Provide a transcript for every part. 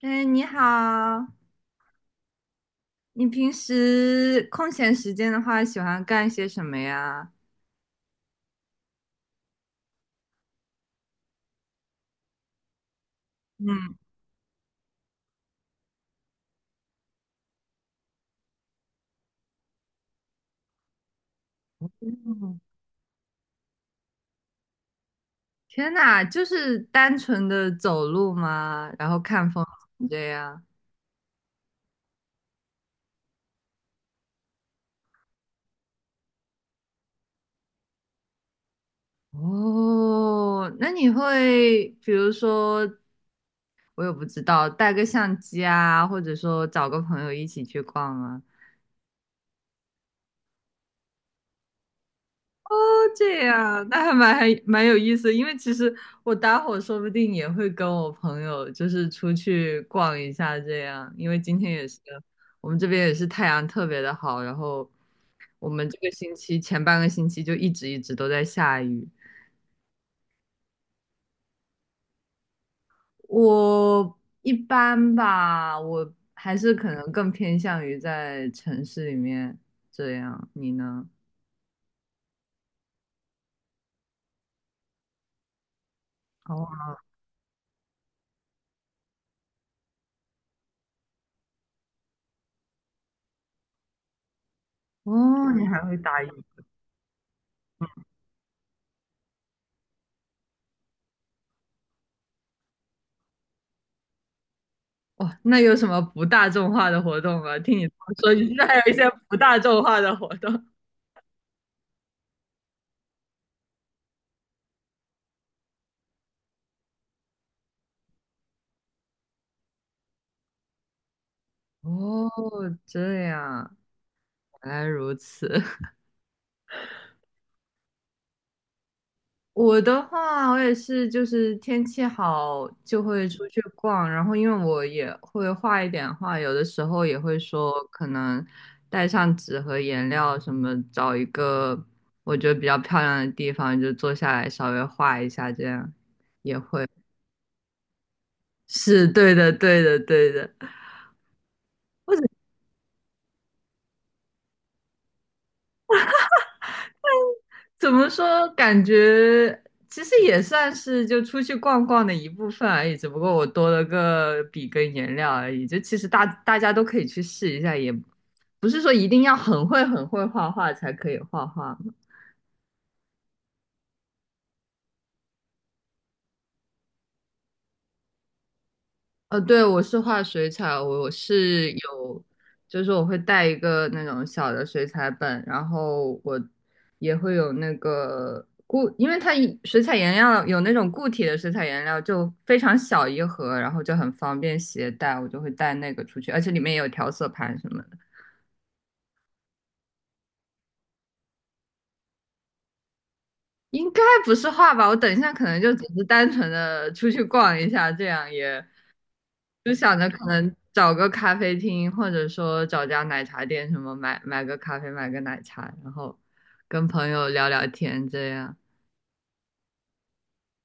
哎，你好，你平时空闲时间的话，喜欢干些什么呀？嗯。嗯。天呐，就是单纯的走路吗？然后看风景这样。哦，那你会比如说，我也不知道，带个相机啊，或者说找个朋友一起去逛吗？哦，这样，那还蛮有意思因为其实我待会儿说不定也会跟我朋友就是出去逛一下这样，因为今天也是我们这边也是太阳特别的好，然后我们这个星期前半个星期就一直一直都在下雨。我一般吧，我还是可能更偏向于在城市里面这样，你呢？哦。哦。你还会打羽哇，那有什么不大众化的活动吗？听你这么说，你现在还有一些不大众化的活动。哦，这样，原来如此。我的话，我也是，就是天气好就会出去逛，然后因为我也会画一点画，有的时候也会说可能带上纸和颜料什么，找一个我觉得比较漂亮的地方就坐下来稍微画一下，这样也会。是对的，对的，对的。怎么说？感觉其实也算是就出去逛逛的一部分而已，只不过我多了个笔跟颜料而已。就其实大家都可以去试一下，也不是说一定要很会很会画画才可以画画。呃，对，我是画水彩，我是有，就是我会带一个那种小的水彩本，然后我也会有那个因为它水彩颜料有那种固体的水彩颜料，就非常小一盒，然后就很方便携带，我就会带那个出去，而且里面也有调色盘什么的。应该不是画吧？我等一下可能就只是单纯的出去逛一下，这样也就想着可能找个咖啡厅，或者说找家奶茶店什么买个咖啡，买个奶茶，然后跟朋友聊聊天，这样。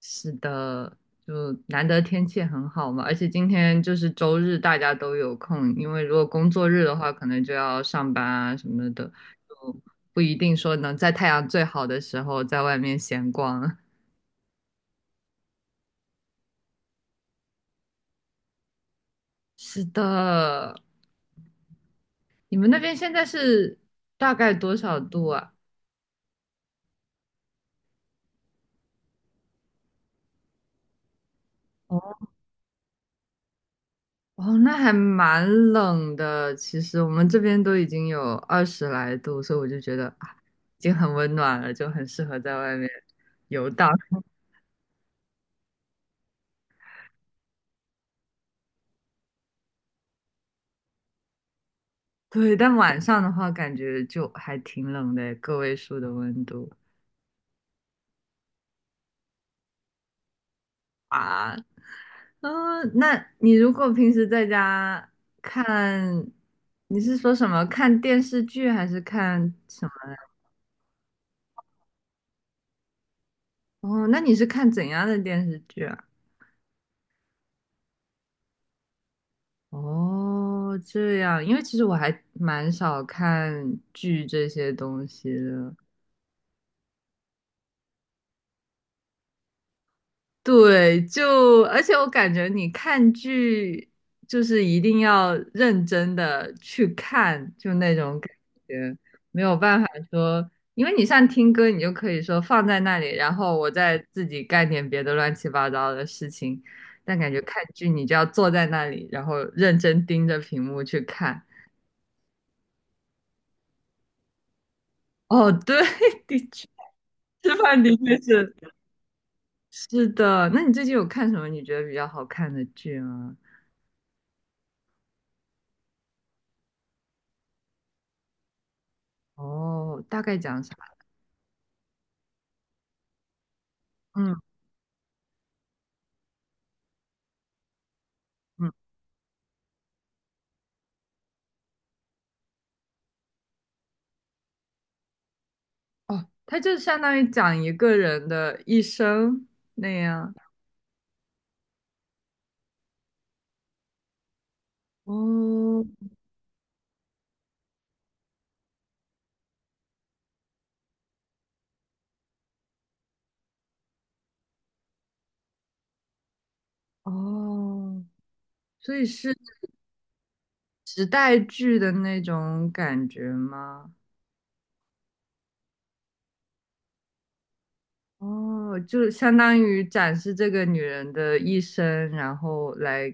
是的，就难得天气很好嘛，而且今天就是周日，大家都有空，因为如果工作日的话，可能就要上班啊什么的，就不一定说能在太阳最好的时候在外面闲逛。是的，你们那边现在是大概多少度啊？哦，那还蛮冷的。其实我们这边都已经有20来度，所以我就觉得啊，已经很温暖了，就很适合在外面游荡。对，但晚上的话，感觉就还挺冷的，个位数的温度啊。嗯，那你如果平时在家看，你是说什么？看电视剧还是看什么？哦，那你是看怎样的电视剧啊？哦，这样，因为其实我还蛮少看剧这些东西的。对，就而且我感觉你看剧就是一定要认真的去看，就那种感觉，没有办法说，因为你像听歌，你就可以说放在那里，然后我再自己干点别的乱七八糟的事情，但感觉看剧你就要坐在那里，然后认真盯着屏幕去看。哦，对，的确。吃饭的确是。是的。那你最近有看什么你觉得比较好看的剧吗？哦，大概讲啥？嗯。嗯。哦，它就相当于讲一个人的一生那样。哦。哦，所以是时代剧的那种感觉吗？哦，就相当于展示这个女人的一生，然后来，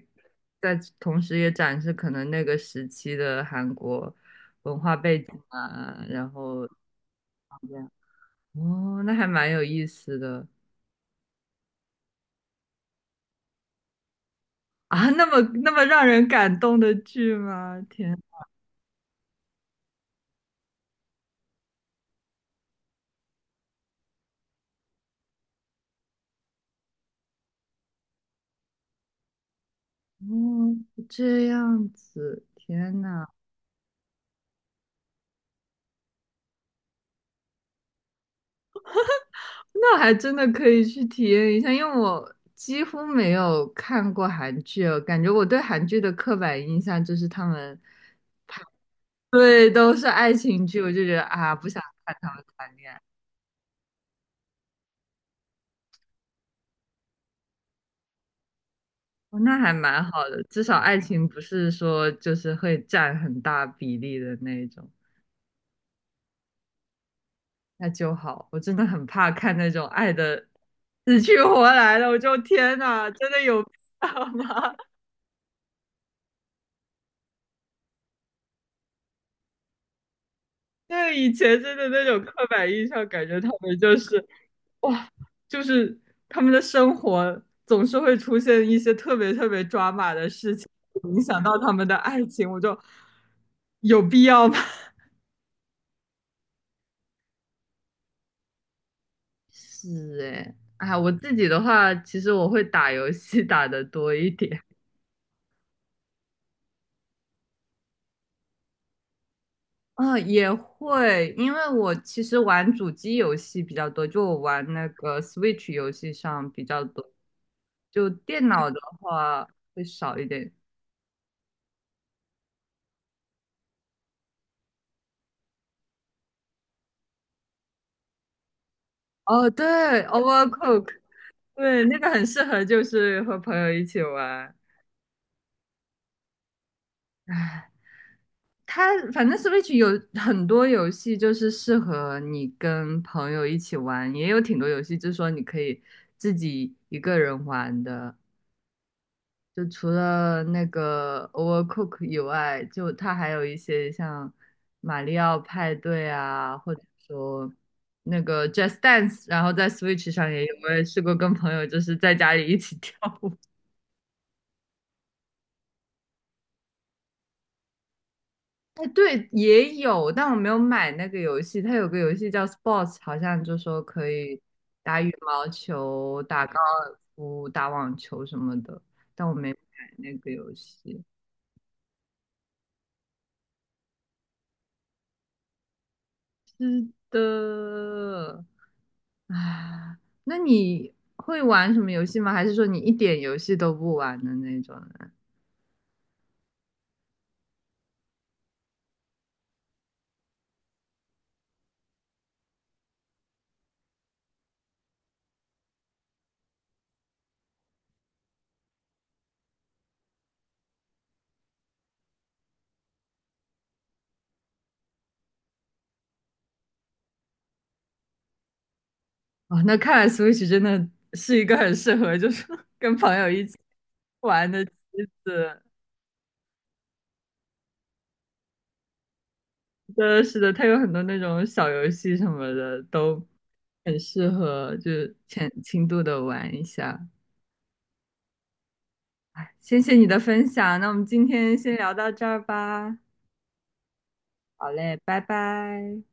在同时也展示可能那个时期的韩国文化背景啊，然后这样，哦，那还蛮有意思的啊，那么那么让人感动的剧吗？天。哦，这样子，天呐。那还真的可以去体验一下，因为我几乎没有看过韩剧哦，感觉我对韩剧的刻板印象就是他们，对，都是爱情剧，我就觉得啊，不想看他们谈恋爱。哦，那还蛮好的，至少爱情不是说就是会占很大比例的那一种，那就好。我真的很怕看那种爱的死去活来的，我就天哪，真的有必要吗？对，以前真的那种刻板印象，感觉他们就是哇，就是他们的生活总是会出现一些特别特别抓马的事情，影响到他们的爱情，我就有必要吗？是哎，哎，我自己的话，其实我会打游戏打的多一点。啊，也会，因为我其实玩主机游戏比较多，就我玩那个 Switch 游戏上比较多，就电脑的话会少一点。哦，对，Overcook,对，那个很适合就是和朋友一起玩。唉，它反正 Switch 有很多游戏就是适合你跟朋友一起玩，也有挺多游戏就是说你可以自己一个人玩的。就除了那个 Overcook 以外，就它还有一些像马里奥派对啊，或者说那个 Just Dance,然后在 Switch 上也有，我也试过跟朋友就是在家里一起 跳舞。哎，对，也有，但我没有买那个游戏。它有个游戏叫 Sports,好像就说可以打羽毛球、打高尔夫、打网球什么的，但我没买那个游戏。是的。啊，那你会玩什么游戏吗？还是说你一点游戏都不玩的那种人？哦，那看来 Switch 真的是一个很适合，就是 跟朋友一起玩的机子。真的是的，它有很多那种小游戏什么的，都很适合，就是浅轻度的玩一下。哎，谢谢你的分享，那我们今天先聊到这儿吧。好嘞，拜拜。